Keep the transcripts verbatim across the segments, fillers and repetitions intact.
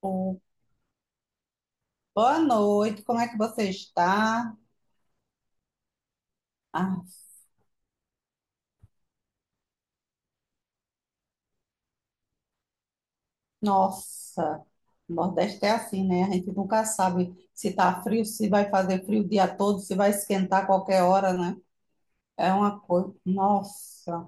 Ô, boa noite, como é que você está? Ah, nossa, o Nordeste é assim, né? A gente nunca sabe se está frio, se vai fazer frio o dia todo, se vai esquentar a qualquer hora, né? É uma coisa. Nossa,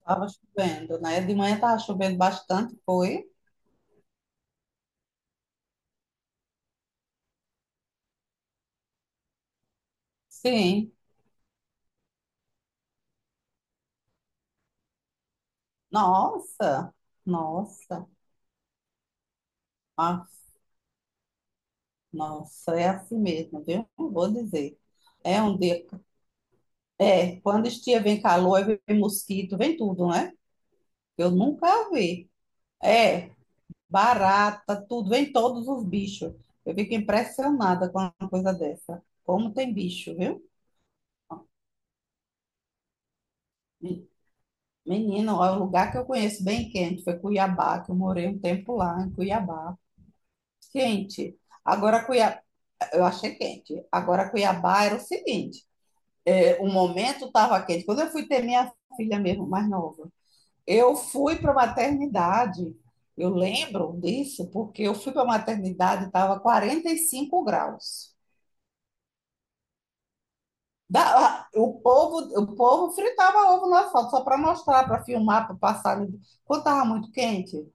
estava chovendo, né? De manhã estava chovendo bastante, foi? Sim. Nossa, nossa, ah, nossa, é assim mesmo, viu? Não vou dizer. É um dia. É, quando estia vem calor, aí vem mosquito, vem tudo, né? Eu nunca vi. É, barata, tudo, vem todos os bichos. Eu fico impressionada com uma coisa dessa. Como tem bicho, viu? Me- Menino, ó, o lugar que eu conheço bem quente foi Cuiabá, que eu morei um tempo lá em Cuiabá. Quente. Agora Cuiabá, eu achei quente. Agora Cuiabá era o seguinte, é, o momento estava quente. Quando eu fui ter minha filha mesmo, mais nova, eu fui para a maternidade, eu lembro disso, porque eu fui para a maternidade, e estava quarenta e cinco graus. Da- o povo, o povo fritava ovo no asfalto, só para mostrar, para filmar, para passar. Quando estava muito quente,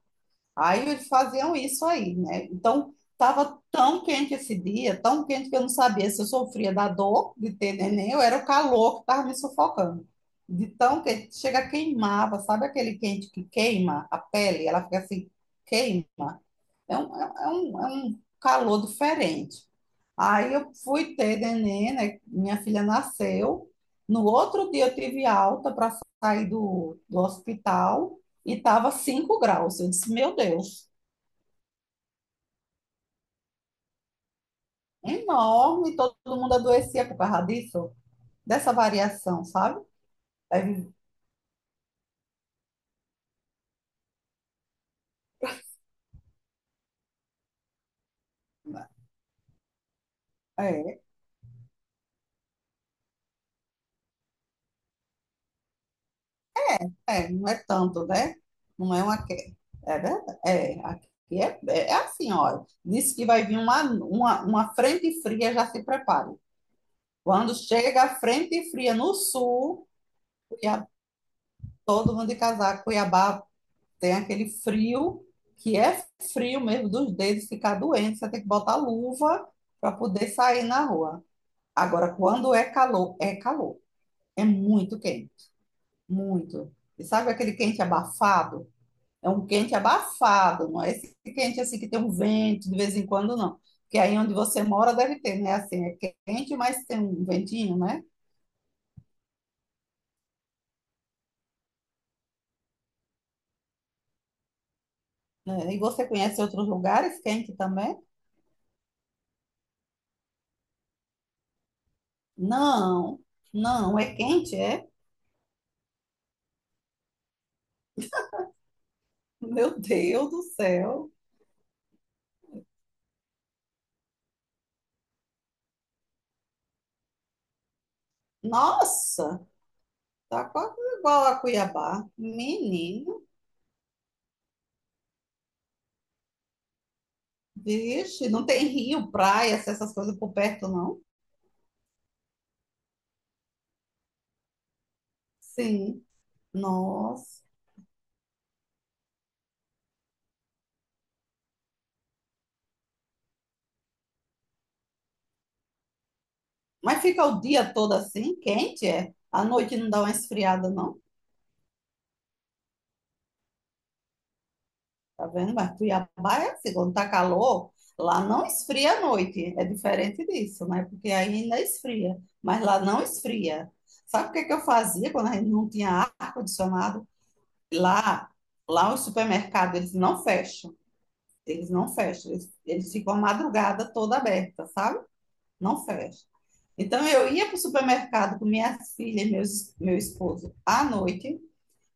aí eles faziam isso aí, né? Então, estava tão quente esse dia, tão quente que eu não sabia se eu sofria da dor de ter neném ou era o calor que estava me sufocando. De tão quente, chega queimava, sabe aquele quente que queima a pele? Ela fica assim, queima. É um, é é um, é um calor diferente. Aí eu fui ter neném, né? Minha filha nasceu. No outro dia eu tive alta para sair do, do hospital e estava cinco graus. Eu disse, meu Deus, enorme, todo mundo adoecia por causa disso, dessa variação, sabe? É, é, é, não é tanto, né? Não é uma que é verdade. É, aqui é, é assim, olha. Disse que vai vir uma, uma, uma frente fria, já se prepare. Quando chega a frente fria no sul, Cuiabá- todo mundo de casaco, Cuiabá tem aquele frio, que é frio mesmo dos dedos, ficar doente, você tem que botar luva para poder sair na rua. Agora, quando é calor, é calor. É muito quente, muito. E sabe aquele quente abafado? É um quente abafado, não é esse quente assim que tem um vento de vez em quando, não. Porque aí onde você mora deve ter, né? Assim, é quente, mas tem um ventinho, né? É, e você conhece outros lugares quente também? Não, não, é quente, é? Meu Deus do céu. Nossa, tá quase igual a Cuiabá. Menino, vixe, não tem rio, praia, essas coisas por perto, não? Sim, nossa. Mas fica o dia todo assim, quente, é? À noite não dá uma esfriada, não? Tá vendo? Mas Cuiabá é assim, quando tá calor, lá não esfria à noite. É diferente disso, né? Porque aí ainda esfria, mas lá não esfria. Sabe o que é que eu fazia quando a gente não tinha ar-condicionado? Lá, lá o supermercado, eles não fecham. Eles não fecham. Eles, eles ficam a madrugada toda aberta, sabe? Não fecham. Então eu ia para o supermercado com minhas filhas e meus, meu esposo à noite.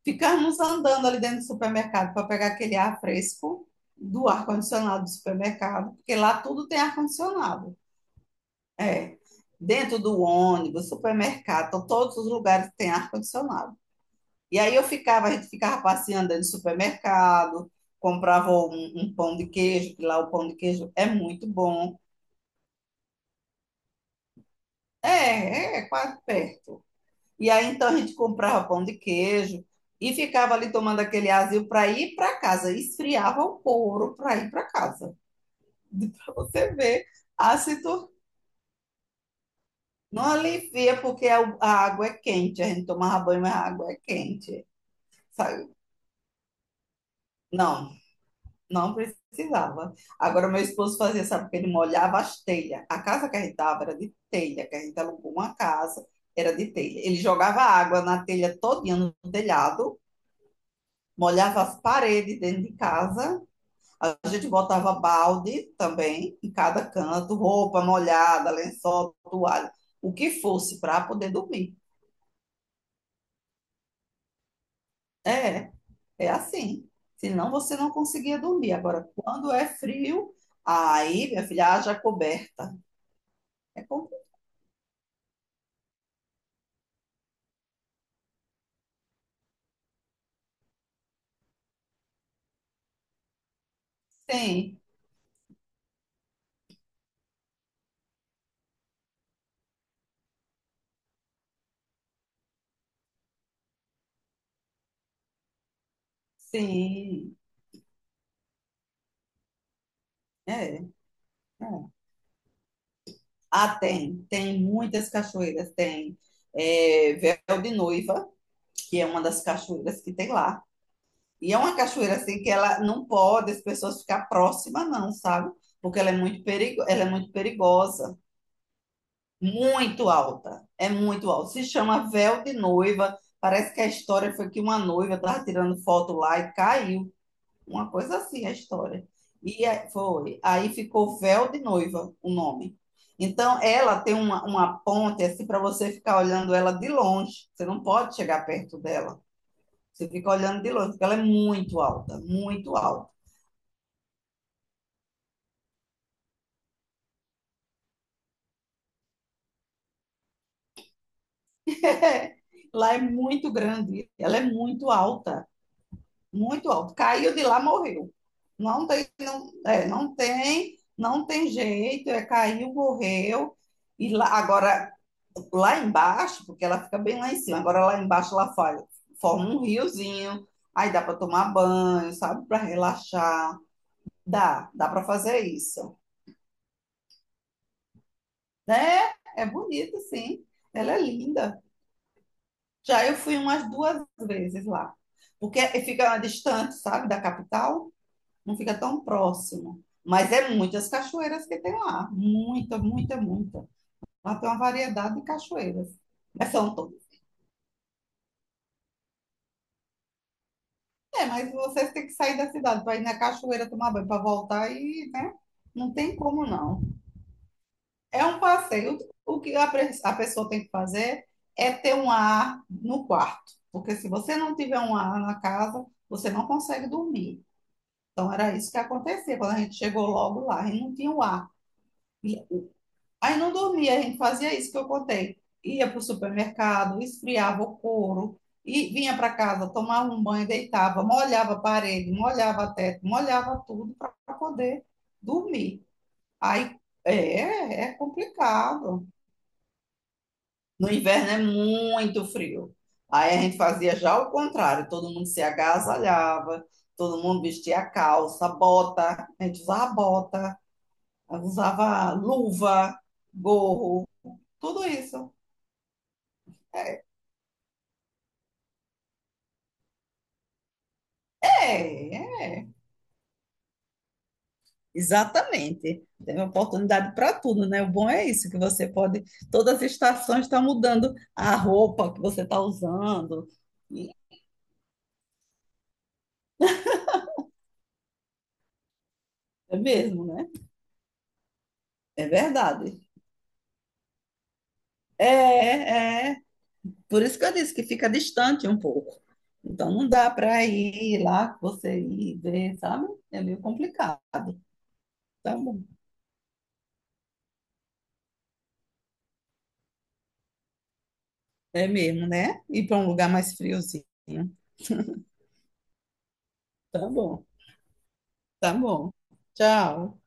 Ficarmos andando ali dentro do supermercado para pegar aquele ar fresco do ar-condicionado do supermercado, porque lá tudo tem ar-condicionado. É. Dentro do ônibus, supermercado, então todos os lugares têm ar-condicionado. E aí eu ficava, a gente ficava passeando dentro do supermercado, comprava um, um pão de queijo, que lá o pão de queijo é muito bom. É, é, é quase perto. E aí então a gente comprava pão de queijo e ficava ali tomando aquele azil para ir para casa. Esfriava o couro para ir para casa. Para você ver a situação. Não alivia porque a a água é quente. A gente tomava banho, mas a água é quente. Sabe? Não, não precisava. Agora, meu esposo fazia, sabe, que ele molhava as telhas. A casa que a gente estava era de telha, que a gente alugou uma casa, era de telha. Ele jogava água na telha todinha no telhado, molhava as paredes dentro de casa, a gente botava balde também em cada canto, roupa molhada, lençol, toalha, o que fosse para poder dormir. É, é assim. Senão você não conseguia dormir. Agora, quando é frio, aí, minha filha, haja coberta. É complicado. Sim, sim. É, é. Ah, tem, tem muitas cachoeiras, tem é, Véu de Noiva, que é uma das cachoeiras que tem lá. E é uma cachoeira assim que ela não pode as pessoas ficar próximas, não, sabe? Porque ela é muito perigo, ela é muito perigosa, muito alta, é muito alta. Se chama Véu de Noiva. Parece que a história foi que uma noiva estava tirando foto lá e caiu. Uma coisa assim a história. E aí- foi. Aí ficou Véu de Noiva o nome. Então, ela tem uma, uma ponte assim para você ficar olhando ela de longe. Você não pode chegar perto dela. Você fica olhando de longe, porque ela é muito alta, muito alta. Lá é muito grande, ela é muito alta, muito alta. Caiu de lá, morreu. Não tem, não, é, não tem, não tem jeito, é caiu, morreu. E lá, agora, lá embaixo, porque ela fica bem lá em cima, agora lá embaixo ela faz, forma um riozinho, aí dá para tomar banho, sabe, para relaxar. Dá, dá para fazer isso, né? É bonito, sim. Ela é linda. Já eu fui umas duas vezes lá, porque fica distante, sabe, da capital, não fica tão próximo. Mas é muitas cachoeiras que tem lá, muita, muita, muita. Lá tem uma variedade de cachoeiras, mas são todas. É, mas vocês têm que sair da cidade para ir na cachoeira tomar banho, para voltar e, né? Não tem como não. É um passeio. O que a pre- a pessoa tem que fazer é ter um ar no quarto, porque se você não tiver um ar na casa, você não consegue dormir. Então era isso que acontecia quando a gente chegou logo lá, a gente não tinha o ar. E aí não dormia, a gente fazia isso que eu contei. Ia para o supermercado, esfriava o couro, e vinha para casa, tomava um banho, deitava, molhava a parede, molhava teto, molhava tudo para poder dormir. Aí é, é complicado. No inverno é muito frio. Aí a gente fazia já o contrário, todo mundo se agasalhava, todo mundo vestia calça, bota, a gente usava bota. Usava luva, gorro, tudo isso. É, é, exatamente. Tem oportunidade para tudo, né? O bom é isso, que você pode. Todas as estações estão mudando a roupa que você está usando. E é mesmo, né? É verdade. É, é. Por isso que eu disse que fica distante um pouco. Então não dá para ir lá, você ir ver, sabe? É meio complicado. Tá bom. É mesmo, né? Ir para um lugar mais friozinho. Tá bom. Tá bom. Tchau.